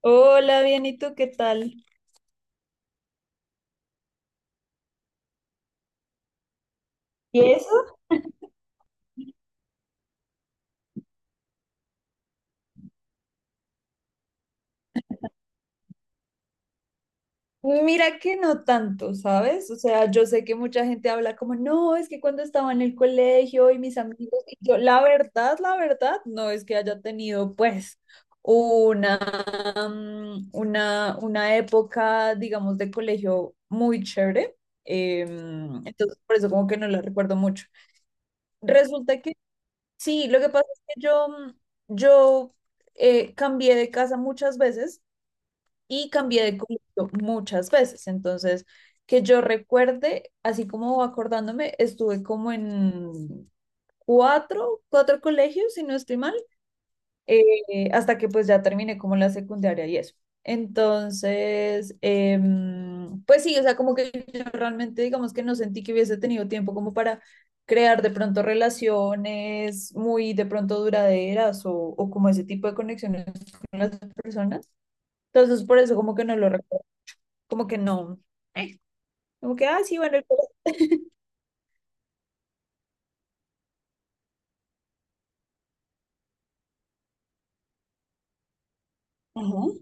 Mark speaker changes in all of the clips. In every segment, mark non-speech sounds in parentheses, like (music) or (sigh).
Speaker 1: Hola, bien, ¿y tú qué tal? ¿Y eso? Mira que no tanto, ¿sabes? O sea, yo sé que mucha gente habla como, no, es que cuando estaba en el colegio y mis amigos, y yo, la verdad, no es que haya tenido pues una, una época, digamos, de colegio muy chévere. Entonces, por eso como que no la recuerdo mucho. Resulta que sí, lo que pasa es que yo, yo cambié de casa muchas veces. Y cambié de colegio muchas veces. Entonces, que yo recuerde, así como acordándome, estuve como en cuatro colegios, si no estoy mal, hasta que pues ya terminé como la secundaria y eso. Entonces, pues sí, o sea, como que yo realmente digamos que no sentí que hubiese tenido tiempo como para crear de pronto relaciones muy de pronto duraderas o como ese tipo de conexiones con las personas. Entonces, por eso como que no lo recuerdo como que no. ¿eh? Como que, ah, sí, bueno, el pelo. (laughs) Ujú.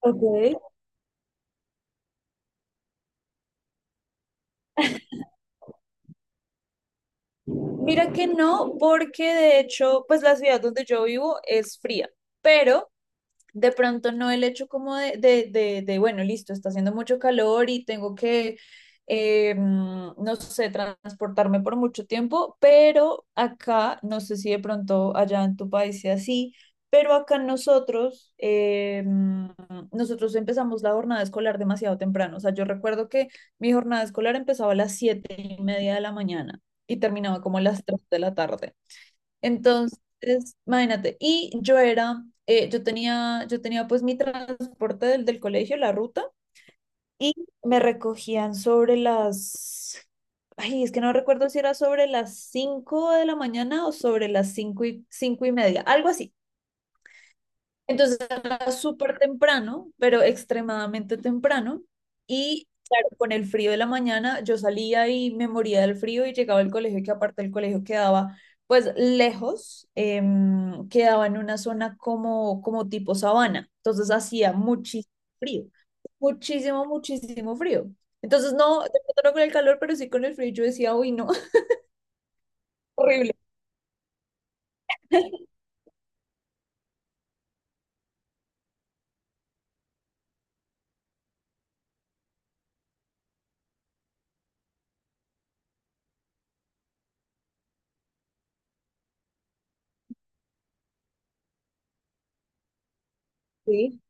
Speaker 1: Ok. Mira que no, porque de hecho, pues la ciudad donde yo vivo es fría, pero de pronto no el hecho como de, bueno, listo, está haciendo mucho calor y tengo que, no sé, transportarme por mucho tiempo, pero acá, no sé si de pronto allá en tu país sea así, pero acá nosotros, nosotros empezamos la jornada escolar demasiado temprano. O sea, yo recuerdo que mi jornada escolar empezaba a las siete y media de la mañana y terminaba como a las tres de la tarde. Entonces, imagínate, y yo era, yo tenía pues mi transporte del colegio, la ruta, y me recogían sobre las, ay, es que no recuerdo si era sobre las 5 de la mañana o sobre las cinco y media, algo así. Entonces era súper temprano, pero extremadamente temprano. Y claro, con el frío de la mañana yo salía y me moría del frío y llegaba al colegio, que aparte el colegio quedaba pues lejos, quedaba en una zona como, como tipo sabana. Entonces hacía muchísimo frío, muchísimo frío. Entonces no, de pronto no con el calor, pero sí con el frío. Yo decía, uy, no, (laughs) horrible. Sí,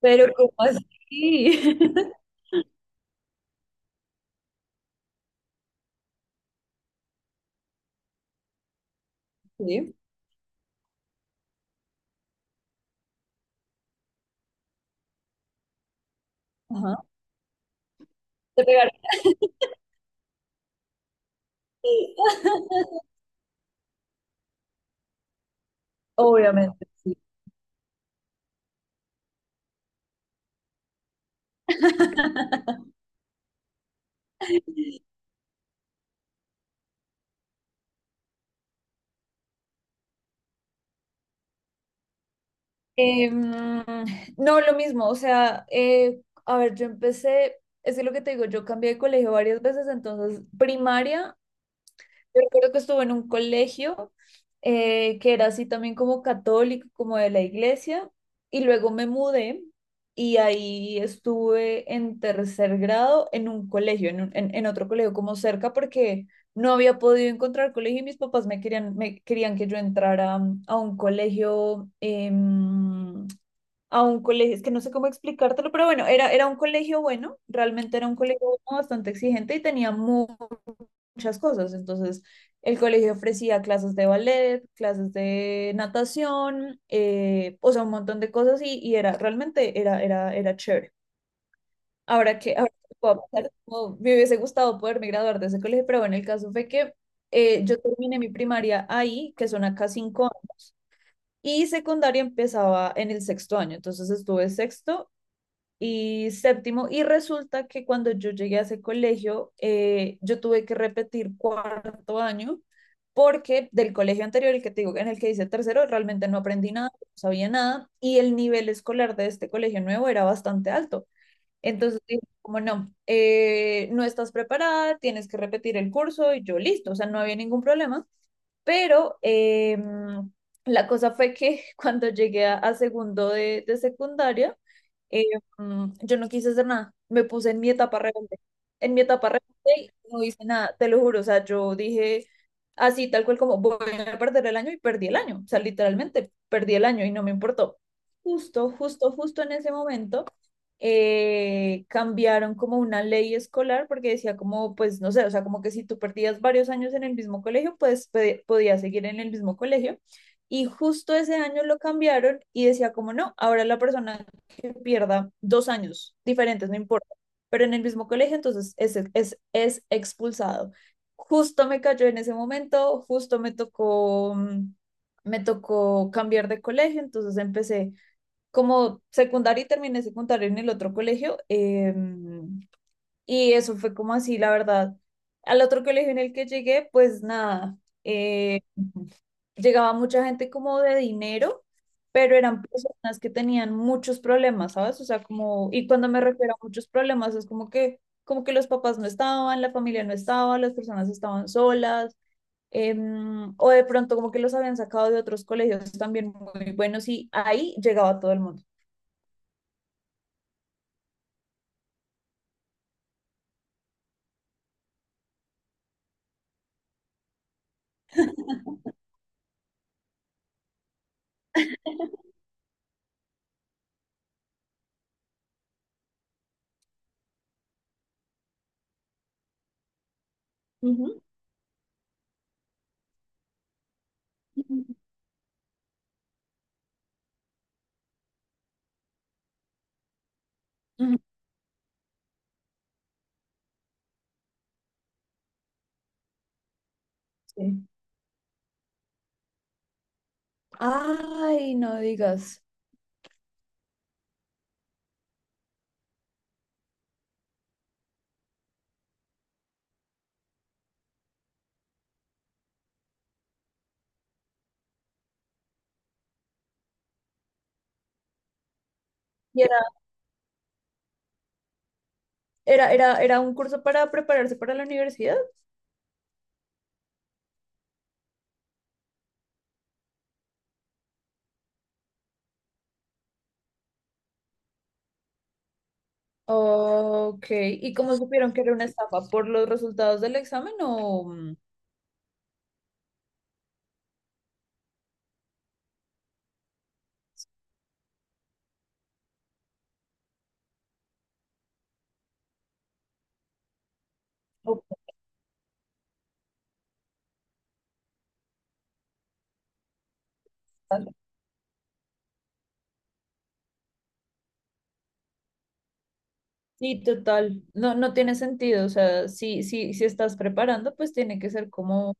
Speaker 1: pero ¿cómo así? (laughs) Sí, ajá. Te pegaron. (laughs) Obviamente, sí. (laughs) Eh, mm, no, lo mismo, o sea, a ver, yo empecé, es que lo que te digo, yo cambié de colegio varias veces, entonces primaria. Yo recuerdo que estuve en un colegio que era así también como católico, como de la iglesia, y luego me mudé y ahí estuve en tercer grado en un colegio, en, en otro colegio como cerca, porque no había podido encontrar colegio y mis papás me querían que yo entrara a un colegio, eh, a un colegio, es que no sé cómo explicártelo, pero bueno, era un colegio bueno, realmente era un colegio bueno, bastante exigente y tenía muchas cosas. Entonces, el colegio ofrecía clases de ballet, clases de natación, o sea, un montón de cosas y era, era chévere. Ahora que puedo pensar, como me hubiese gustado poderme graduar de ese colegio, pero bueno, el caso fue que yo terminé mi primaria ahí, que son acá cinco años. Y secundaria empezaba en el sexto año, entonces estuve sexto y séptimo. Y resulta que cuando yo llegué a ese colegio, yo tuve que repetir cuarto año porque del colegio anterior, el que te digo, en el que hice tercero, realmente no aprendí nada, no sabía nada, y el nivel escolar de este colegio nuevo era bastante alto. Entonces dije, como no, no estás preparada, tienes que repetir el curso, y yo listo, o sea, no había ningún problema. Pero la cosa fue que (laughs) cuando llegué a segundo de secundaria, eh, yo no quise hacer nada. Me puse en mi etapa rebelde. En mi etapa rebelde y no hice nada, te lo juro. O sea, yo dije así, tal cual como voy a perder el año y perdí el año. O sea, literalmente perdí el año y no me importó. Justo en ese momento cambiaron como una ley escolar porque decía como, pues no sé, o sea, como que si tú perdías varios años en el mismo colegio, pues podías seguir en el mismo colegio. Y justo ese año lo cambiaron y decía como, no, ahora la persona que pierda dos años diferentes, no importa, pero en el mismo colegio, entonces es expulsado. Justo me cayó en ese momento, justo me tocó, me tocó cambiar de colegio, entonces empecé como secundaria y terminé secundaria en el otro colegio. Y eso fue como así, la verdad. Al otro colegio en el que llegué, pues nada, eh, llegaba mucha gente como de dinero, pero eran personas que tenían muchos problemas, ¿sabes? O sea, como, y cuando me refiero a muchos problemas, es como que los papás no estaban, la familia no estaba, las personas estaban solas, o de pronto como que los habían sacado de otros colegios también muy buenos y ahí llegaba todo el mundo. Ujú, ujú, ujú, sí. Ay, no digas. Y era- era un curso para prepararse para la universidad? Ok. ¿Y cómo supieron que era una estafa? ¿Por los resultados del examen o...? ¿O- por algo? Sí, total. No, no tiene sentido. O sea, si estás preparando, pues tiene que ser como...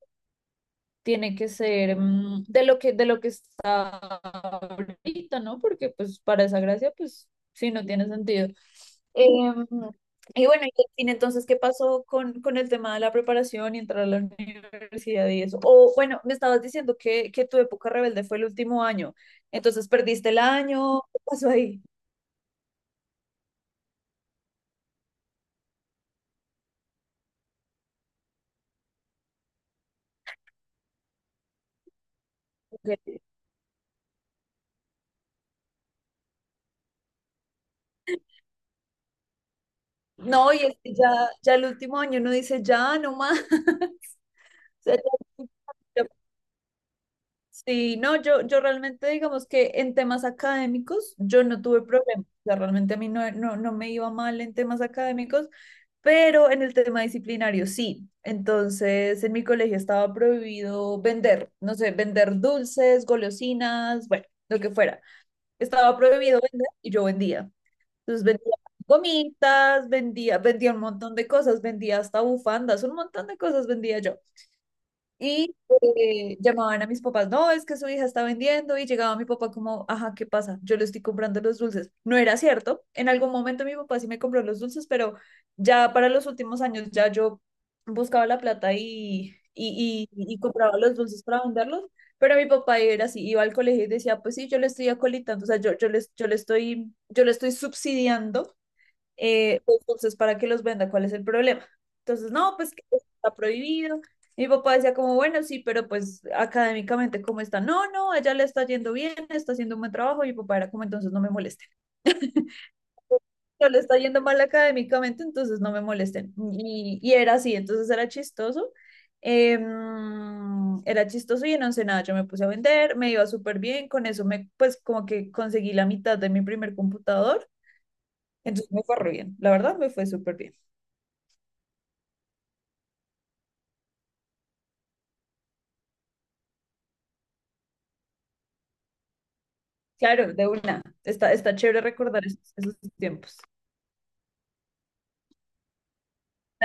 Speaker 1: tiene que ser de lo que está ahorita, ¿no? Porque pues para esa gracia, pues sí, no tiene sentido. Em, y bueno, y al fin, entonces, ¿qué pasó con el tema de la preparación y entrar a la universidad y eso? O bueno, me estabas diciendo que tu época rebelde fue el último año, entonces perdiste el año, ¿qué pasó ahí? Ok. No, y es que ya, ya el último año no dice ya, no más. (laughs) O sea, ya- sí, no, yo realmente digamos que en temas académicos yo no tuve problemas, o sea, realmente a mí no me iba mal en temas académicos, pero en el tema disciplinario sí. Entonces, en mi colegio estaba prohibido vender, no sé, vender dulces, golosinas, bueno, lo que fuera. Estaba prohibido vender y yo vendía. Entonces vendía gomitas, vendía un montón de cosas, vendía hasta bufandas, un montón de cosas vendía yo. Y llamaban a mis papás, no, es que su hija está vendiendo y llegaba mi papá como, ajá, ¿qué pasa? Yo le estoy comprando los dulces. No era cierto. En algún momento mi papá sí me compró los dulces, pero ya para los últimos años ya yo buscaba la plata y, y compraba los dulces para venderlos. Pero mi papá era así, iba al colegio y decía, pues sí, yo le estoy acolitando, o sea, yo le estoy subsidiando pues, entonces, ¿para que los venda? ¿Cuál es el problema? Entonces, no, pues que está prohibido. Mi papá decía como, bueno, sí, pero pues académicamente, ¿cómo está? No, no, ella le está yendo bien, está haciendo un buen trabajo. Y mi papá era como, entonces no me molesten. No le está yendo mal académicamente, entonces no me molesten. Y era así, entonces era chistoso. Era chistoso y en Ensenada yo me puse a vender, me iba súper bien, con eso me, pues como que conseguí la mitad de mi primer computador, entonces me fue re bien, la verdad me fue súper bien. Claro, de una. Está, está chévere recordar esos, esos tiempos.